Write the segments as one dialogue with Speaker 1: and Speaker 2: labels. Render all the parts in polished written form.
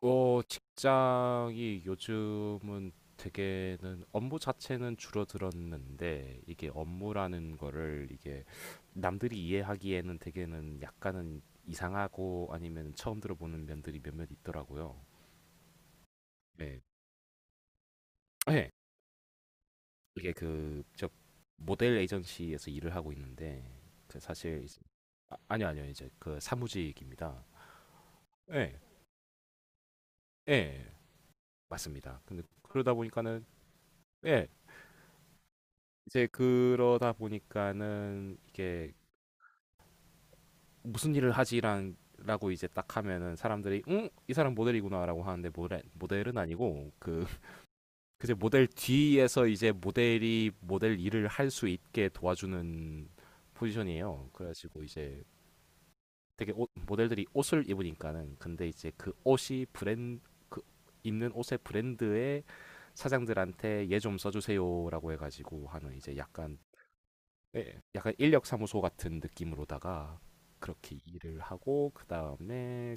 Speaker 1: 직장이 요즘은 되게는 업무 자체는 줄어들었는데, 이게 업무라는 거를 이게 남들이 이해하기에는 되게는 약간은 이상하고 아니면 처음 들어보는 면들이 몇몇 있더라고요. 네. 네. 이게 그 저 모델 에이전시에서 일을 하고 있는데 그 사실 이제- 아, 아니요 아니요, 이제 그 사무직입니다. 예. 예. 맞습니다. 근데 그러다 보니까는. 예. 이제 그러다 보니까는 이게 무슨 일을 하지란 라고 이제 딱 하면은 사람들이 응? 이 사람 모델이구나라고 하는데 모델 모델은 아니고 그 이제 모델 뒤에서 이제 모델이 모델 일을 할 수 있게 도와주는 포지션이에요. 그래가지고 이제 되게 옷, 모델들이 옷을 입으니까는 근데 이제 그 옷이 브랜드 그 입는 옷의 브랜드의 사장들한테 얘 좀 써주세요라고 해가지고 하는 이제 약간, 네, 약간 인력사무소 같은 느낌으로다가 그렇게 일을 하고. 그 다음에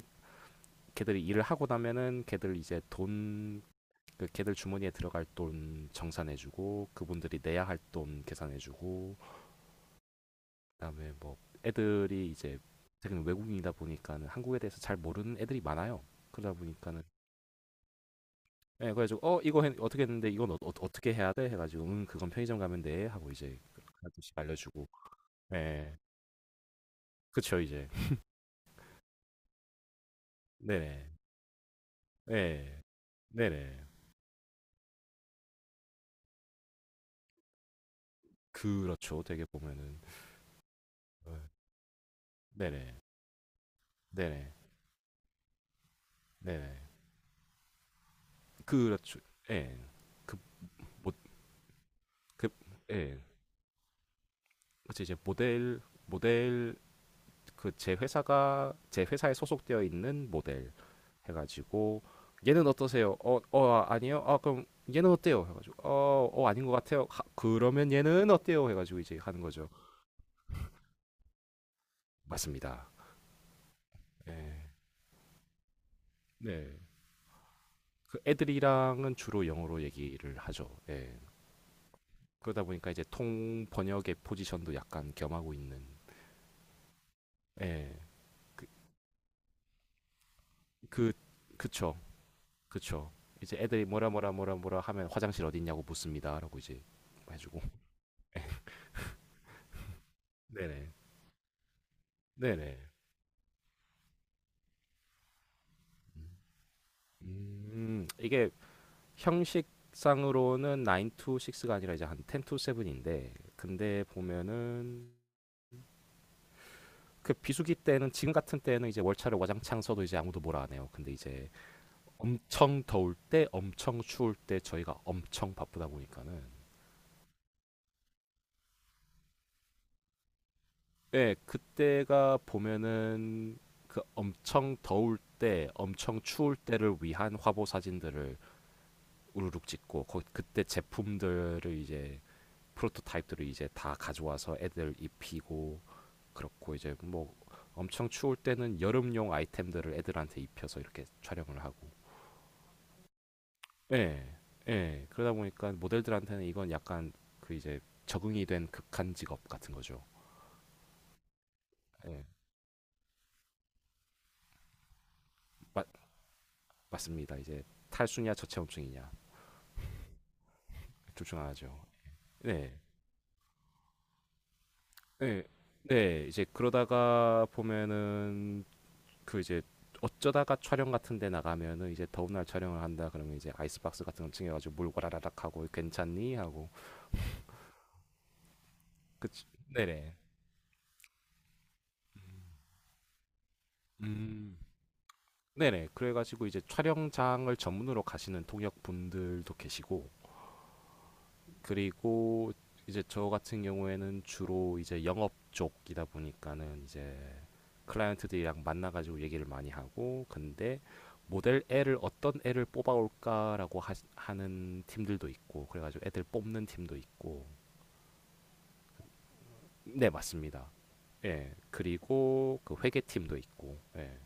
Speaker 1: 걔들이 일을 하고 나면은 걔들 이제 돈, 그 걔들 주머니에 들어갈 돈 정산해주고, 그분들이 내야 할 돈 계산해주고, 그다음에 뭐 애들이 이제 되게 외국인이다 보니까는 한국에 대해서 잘 모르는 애들이 많아요. 그러다 보니까는, 예, 그래가지고 어 이거 어떻게 했는데 이건 떻게 해야 돼? 해가지고 그건 편의점 가면 돼 하고 이제 하나씩 알려주고. 예. 그쵸. 이제. 네네. 네. 네네. 그렇죠. 되게 보면은. 어. 네네. 네네. 네네. 그렇죠. 예. 그 모 그 예. 그치 이제 모델 그 제 회사에 소속되어 있는 모델 해 가지고 "얘는 어떠세요?" "어 어 아 아니요." "아 그럼 얘는 어때요?" 해 가지고 "어 어 아닌 것 같아요." "하 그러면 얘는 어때요?" 해 가지고 이제 하는 거죠. 맞습니다. 예. 네. 그 애들이랑은 주로 영어로 얘기를 하죠. 예. 그러다 보니까 이제 통 번역의 포지션도 약간 겸하고 있는. 예그그 그쵸. 그쵸. 이제 애들이 뭐라 뭐라 뭐라 뭐라 하면 화장실 어디 있냐고 묻습니다라고 이제 해주고. 네네. 네네. 이게 형식상으로는 9 to 6가 아니라 이제 한 10 to 7인데 근데 보면은 그 비수기 때는 지금 같은 때는 이제 월차를 와장창 써도 이제 아무도 뭐라 안 해요. 근데 이제 엄청 더울 때 엄청 추울 때 저희가 엄청 바쁘다 보니까는, 예, 그때가 보면은 그 엄청 더울 때, 엄청 추울 때를 위한 화보 사진들을 우르륵 찍고 그때 제품들을 이제 프로토타입들을 이제 다 가져와서 애들 입히고 그렇고 이제 뭐 엄청 추울 때는 여름용 아이템들을 애들한테 입혀서 이렇게 촬영을 하고. 예, 예. 그러다 보니까 모델들한테는 이건 약간 그 이제 적응이 된 극한 직업 같은 거죠. 예, 맞, 맞습니다. 이제 탈수냐 저체온증이냐 조충 안 하죠. 네, 네, 네. 이제 그러다가 보면은 그 이제 어쩌다가 촬영 같은 데 나가면은 이제 더운 날 촬영을 한다 그러면 이제 아이스박스 같은 거 챙겨가지고 물 와라라락 하고 괜찮니 하고. 그치. 네네. 음. 네네. 그래가지고 이제 촬영장을 전문으로 가시는 통역 분들도 계시고 그리고 이제 저 같은 경우에는 주로 이제 영업 쪽이다 보니까는 이제 클라이언트들이랑 만나가지고 얘기를 많이 하고 근데 모델 애를 어떤 애를 뽑아올까라고 하는 팀들도 있고 그래가지고 애들 뽑는 팀도 있고. 네 맞습니다. 예 그리고 그 회계 팀도 있고. 예.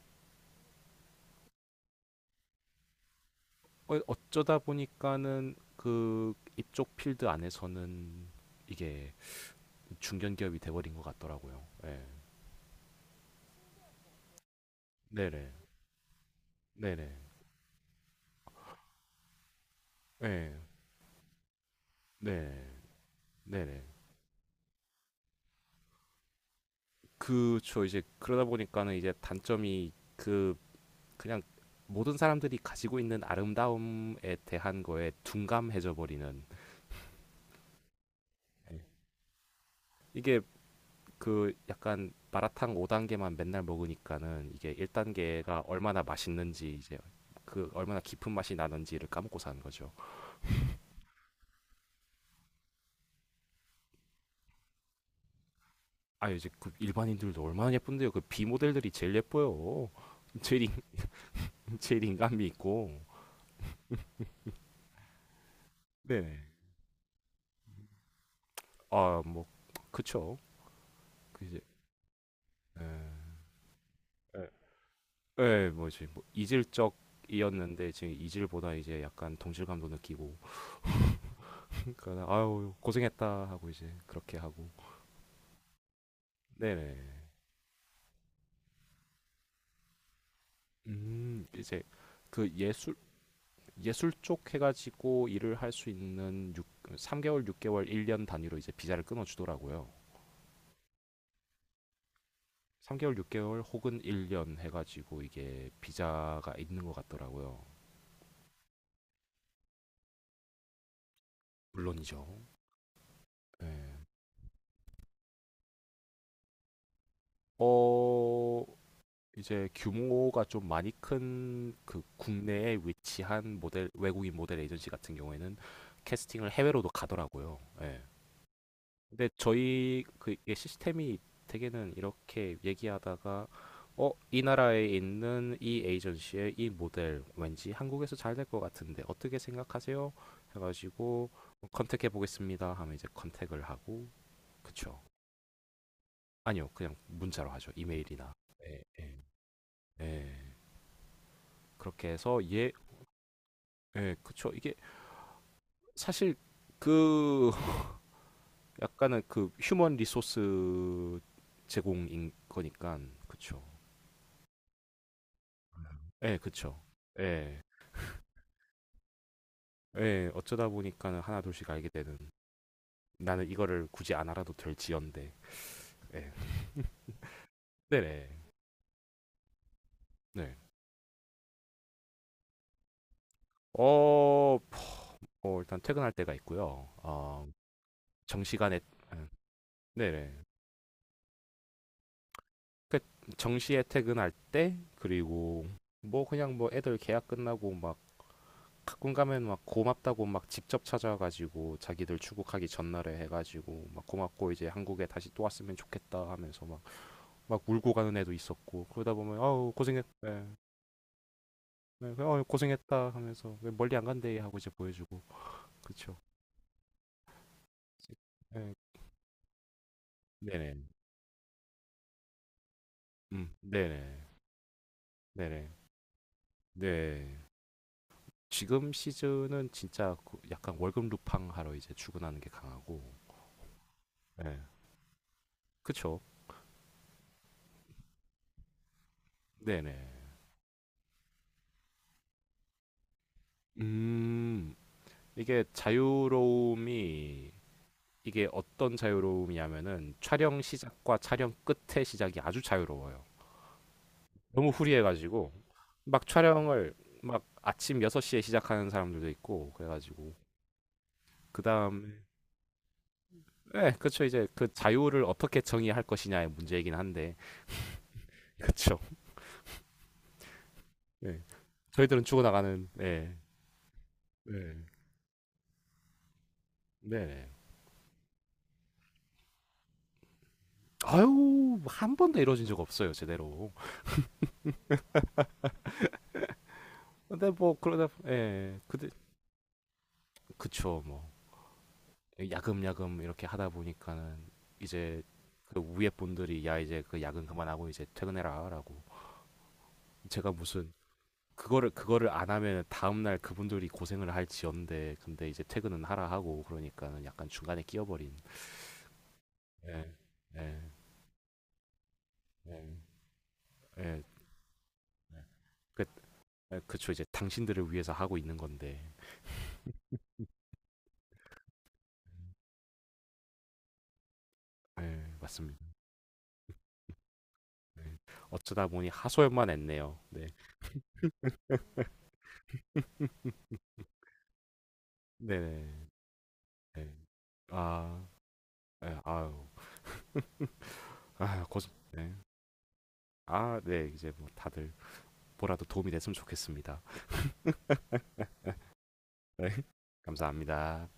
Speaker 1: 어쩌다 보니까는 그 이쪽 필드 안에서는 이게 중견 기업이 돼버린 것 같더라고요. 예. 네네. 네네. 예. 네네. 네네. 그쵸. 이제 그러다 보니까는 이제 단점이 그 그냥 모든 사람들이 가지고 있는 아름다움에 대한 거에 둔감해져 버리는. 이게 그 약간 마라탕 5단계만 맨날 먹으니까는 이게 1단계가 얼마나 맛있는지 이제 그 얼마나 깊은 맛이 나는지를 까먹고 사는 거죠. 아 이제 그 일반인들도 얼마나 예쁜데요. 그 B 모델들이 제일 예뻐요. 제일 인, 제일 인간미 있고. 네네. 아 뭐 그쵸. 그 이제 에, 에. 예, 뭐지 뭐 이질적이었는데 지금 이질보다 이제 약간 동질감도 느끼고 그러니까 아유 고생했다 하고 이제 그렇게 하고. 네네. 이제 그 예술 쪽 해가지고 일을 할 수 있는 3개월, 6개월, 1년 단위로 이제 비자를 끊어주더라고요. 3개월, 6개월 혹은 1년 해가지고 이게 비자가 있는 것 같더라고요. 물론이죠. 네. 어, 이제 규모가 좀 많이 큰 그 국내에 위치한 모델 외국인 모델 에이전시 같은 경우에는 캐스팅을 해외로도 가더라고요. 예. 근데 저희 그게 시스템이 되게는 이렇게 얘기하다가 어, 이 나라에 있는 이 에이전시의 이 모델 왠지 한국에서 잘 될 것 같은데 어떻게 생각하세요? 해가지고 어, 컨택해 보겠습니다 하면 이제 컨택을 하고. 그쵸? 아니요 그냥 문자로 하죠 이메일이나. 예, 예, 예. 그렇게 해서 얘. 예, 그쵸. 이게 사실 그 약간은 그 휴먼 리소스 제공인 거니까 그쵸. 예, 그쵸. 예, 예, 어쩌다 보니까는 하나둘씩 알게 되는 나는 이거를 굳이 안 알아도 될지언데. 예. 네네. 네. 어, 뭐 일단 퇴근할 때가 있고요. 어, 정시간에. 예, 네네. 그 정시에 퇴근할 때. 그리고 뭐 그냥 뭐 애들 계약 끝나고 막 가끔 가면 막 고맙다고 막 직접 찾아가지고 자기들 출국하기 전날에 해가지고 막 고맙고 이제 한국에 다시 또 왔으면 좋겠다 하면서 막 막 울고 가는 애도 있었고 그러다 보면 아우 고생했 예. 예, 어 고생했다 하면서 왜 멀리 안 간대 하고 이제 보여주고. 그쵸. 예. 네네. 음. 네네. 네네. 네. 지금 시즌은 진짜 그 약간 월급 루팡 하러 이제 출근하는 게 강하고. 예. 그쵸. 네네. 음. 이게 자유로움이 이게 어떤 자유로움이냐면은 촬영 시작과 촬영 끝의 시작이 아주 자유로워요. 너무 후리해가지고 막 촬영을 막 아침 6시에 시작하는 사람들도 있고 그래가지고 그 다음에 네, 그쵸 이제 그 자유를 어떻게 정의할 것이냐의 문제이긴 한데 그쵸. 네. 저희들은 죽어나가는. 네. 네. 네. 아유 한 번도 이루어진 적 없어요 제대로. 근데 뭐 그러다 예 그 그쵸 뭐 야금야금 이렇게 하다 보니까는 이제 그 위에 분들이 야 이제 그 야근 그만하고 이제 퇴근해라라고. 제가 무슨 그거를 안 하면 다음 날 그분들이 고생을 할지언데 근데 이제 퇴근은 하라 하고 그러니까는 약간 중간에 끼어버린. 예, 예, 예, 예. 그 예, 그쵸 이제 당신들을 위해서 하고 있는 건데. 예, 맞습니다. 예. 어쩌다 보니 하소연만 했네요. 네, 네네. 네. 네. 아, 예, 아유. 아, 고생. 네. 아, 네. 이제 뭐 다들 뭐라도 도움이 됐으면 좋겠습니다. 네, 감사합니다.